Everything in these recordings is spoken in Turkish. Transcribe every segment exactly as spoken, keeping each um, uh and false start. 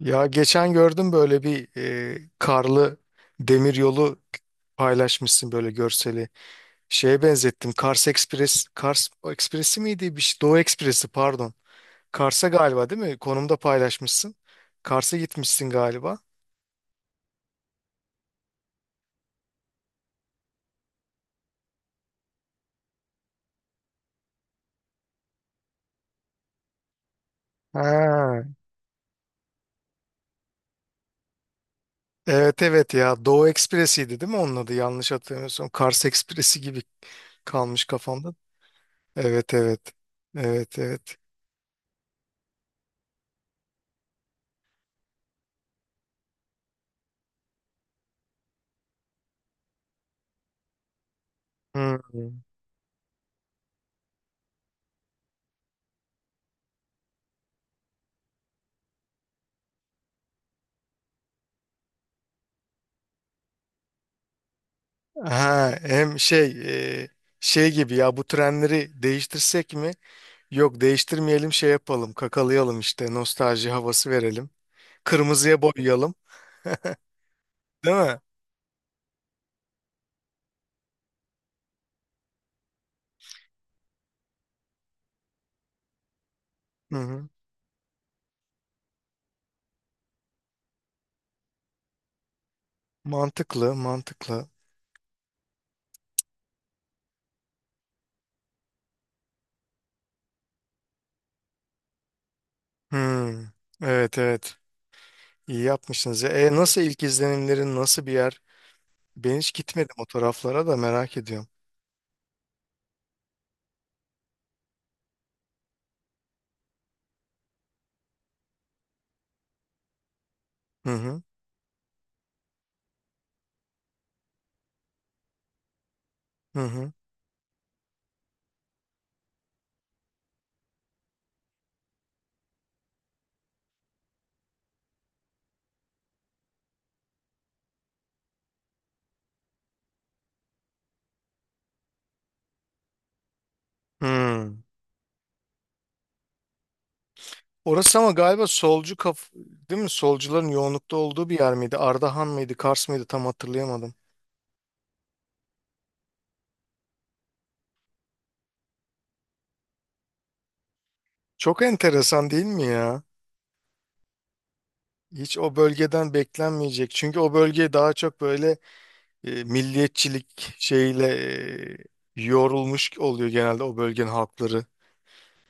Ya geçen gördüm böyle bir e, karlı demir yolu paylaşmışsın böyle görseli. Şeye benzettim. Kars Express, Kars Express'i miydi? Bir şey, Doğu Ekspresi pardon. Kars'a galiba değil mi? Konumda paylaşmışsın. Kars'a gitmişsin galiba. Ha, evet evet ya Doğu Ekspresi'ydi değil mi onun adı, yanlış hatırlamıyorsam Kars Ekspresi gibi kalmış kafamda. Evet evet, evet evet. Hmm. Ha, hem şey, e, şey gibi ya, bu trenleri değiştirsek mi? Yok değiştirmeyelim, şey yapalım, kakalayalım işte, nostalji havası verelim. Kırmızıya boyayalım, değil mi? Hı hı. Mantıklı mantıklı. Hmm. Evet evet, iyi yapmışsınız ya. E, nasıl, ilk izlenimlerin, nasıl bir yer? Ben hiç gitmedim o taraflara, da merak ediyorum. Hı hı. Hı hı. Hmm. Orası ama galiba solcu kaf, değil mi? Solcuların yoğunlukta olduğu bir yer miydi? Ardahan mıydı? Kars mıydı? Tam hatırlayamadım. Çok enteresan değil mi ya? Hiç o bölgeden beklenmeyecek. Çünkü o bölge daha çok böyle e, milliyetçilik şeyle, e, yorulmuş oluyor genelde o bölgenin halkları.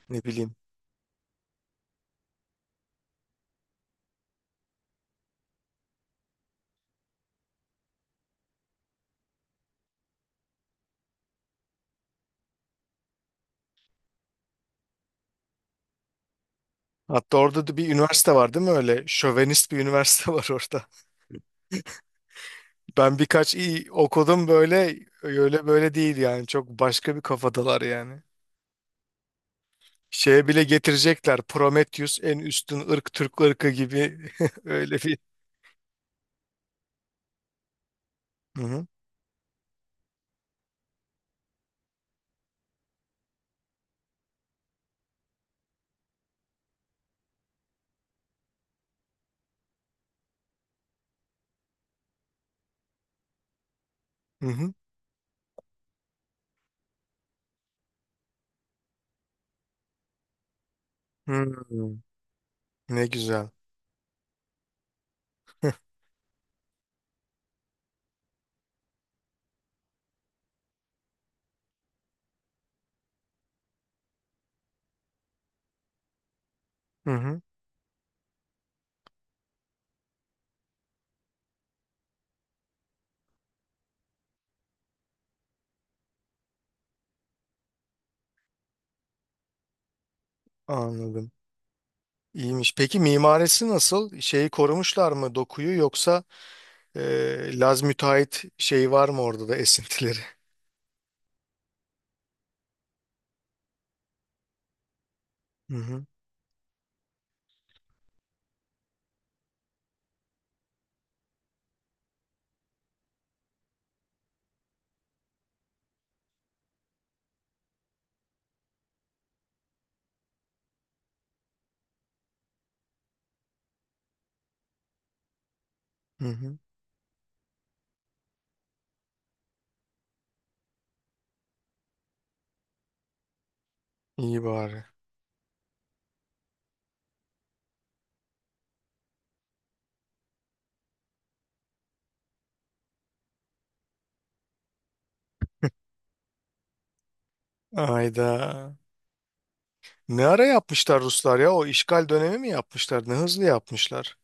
Ne bileyim. Hatta orada da bir üniversite var değil mi öyle? Şövenist bir üniversite var orada. Ben birkaç iyi okudum, böyle öyle böyle değil yani. Çok başka bir kafadalar yani. Şeye bile getirecekler. Prometheus en üstün ırk Türk ırkı gibi öyle bir. Hı hı. Hı hı. Hı. Ne güzel. Hı hı, anladım. İyiymiş. Peki mimarisi nasıl? Şeyi korumuşlar mı dokuyu, yoksa e, Laz müteahhit şey var mı orada da esintileri? Hı hı, hı hı. İyi bari. Ayda. Ne ara yapmışlar Ruslar ya? O işgal dönemi mi yapmışlar? Ne hızlı yapmışlar.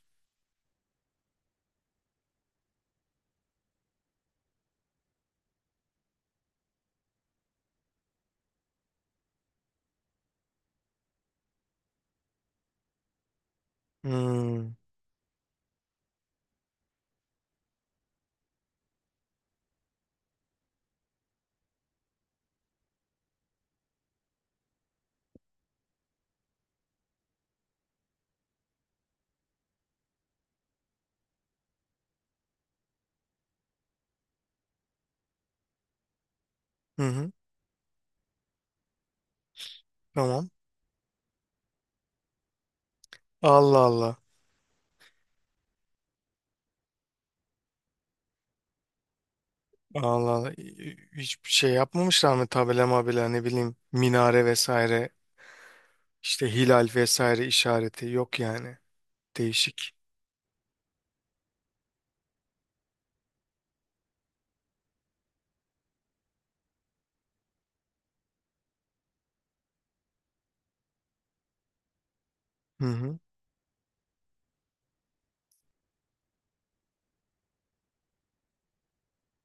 Hmm, hı hı, tamam. Allah Allah. Allah Allah. Hiçbir şey yapmamışlar mı, tabela mabela, ne bileyim, minare vesaire işte, hilal vesaire işareti yok yani. Değişik. Hı hı.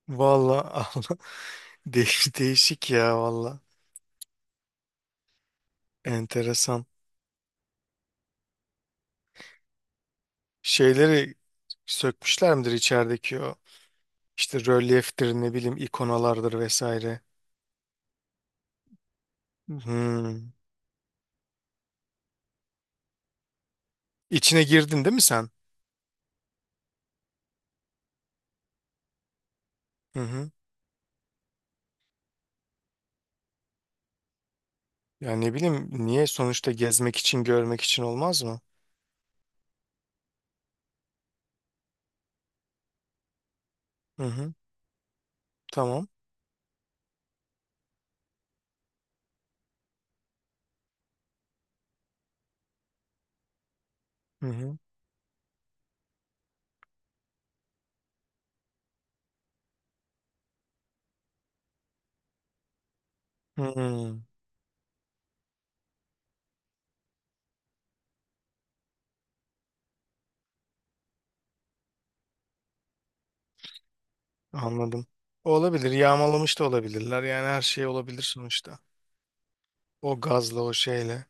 Valla Allah, değiş, değişik ya valla. Enteresan. Şeyleri sökmüşler midir içerideki, o işte rölyeftir, ne bileyim, ikonalardır vesaire. Hmm. İçine girdin değil mi sen? Hı hı. Ya ne bileyim niye, sonuçta gezmek için, görmek için, olmaz mı? Hı hı. Tamam. Hı hı. Hmm. Anladım. Olabilir. Yağmalamış da olabilirler. Yani her şey olabilir sonuçta. O gazla, o şeyle.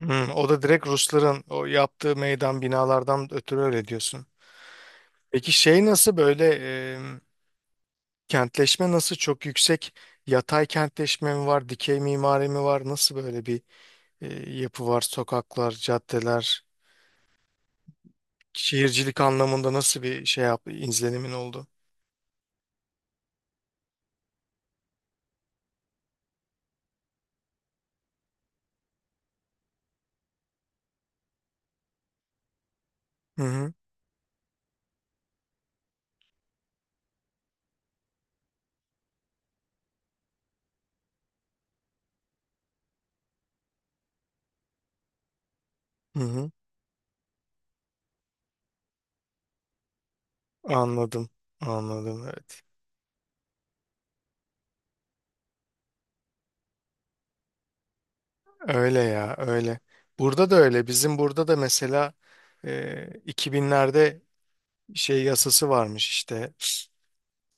Hmm, o da direkt Rusların o yaptığı meydan binalardan ötürü öyle diyorsun. Peki şey nasıl böyle, e, kentleşme nasıl, çok yüksek yatay kentleşme mi var, dikey mimari mi var? Nasıl böyle bir e, yapı var? Sokaklar, caddeler, şehircilik anlamında nasıl bir şey yaptı, izlenimin oldu? Hı hı, hı hı. Anladım, anladım, evet. Öyle ya, öyle. Burada da öyle. Bizim burada da mesela e, iki binlerde şey yasası varmış işte.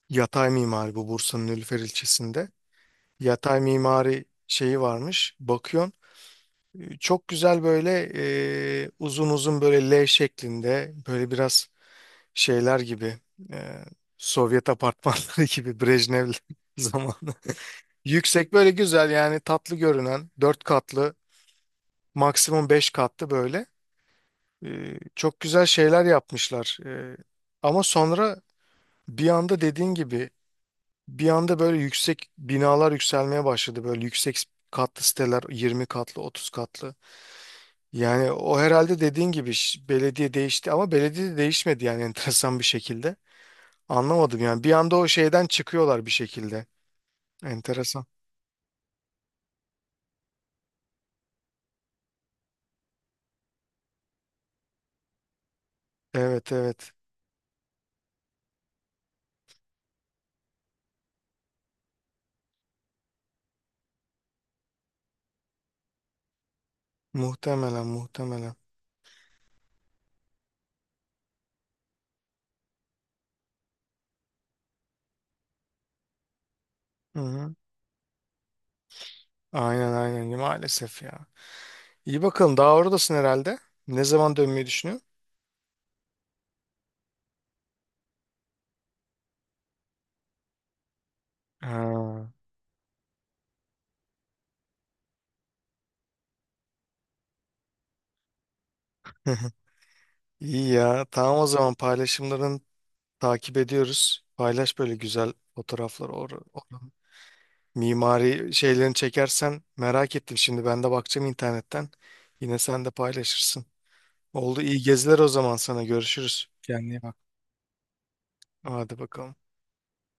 Yatay mimari bu Bursa'nın Nilüfer ilçesinde. Yatay mimari şeyi varmış. Bakıyorsun e, çok güzel böyle e, uzun uzun böyle L şeklinde böyle biraz şeyler gibi, e, Sovyet apartmanları gibi, Brejnev zamanı. Yüksek böyle, güzel yani, tatlı görünen dört katlı, maksimum beş katlı böyle. E, çok güzel şeyler yapmışlar. E, ama sonra bir anda dediğin gibi, bir anda böyle yüksek binalar yükselmeye başladı. Böyle yüksek katlı siteler, yirmi katlı, otuz katlı. Yani o herhalde dediğin gibi ş- belediye değişti ama belediye de değişmedi yani enteresan bir şekilde. Anlamadım yani, bir anda o şeyden çıkıyorlar bir şekilde. Enteresan. Evet evet, muhtemelen muhtemelen. Hı hı. Aynen aynen, maalesef ya. İyi bakalım, daha oradasın herhalde. Ne zaman dönmeyi düşünüyorsun? Ha. İyi ya, tamam o zaman, paylaşımların takip ediyoruz. Paylaş böyle güzel fotoğrafları. Or oranın mimari şeylerini çekersen, merak ettim. Şimdi ben de bakacağım internetten. Yine sen de paylaşırsın. Oldu, iyi geziler o zaman sana. Görüşürüz. Kendine iyi bak. Hadi bakalım.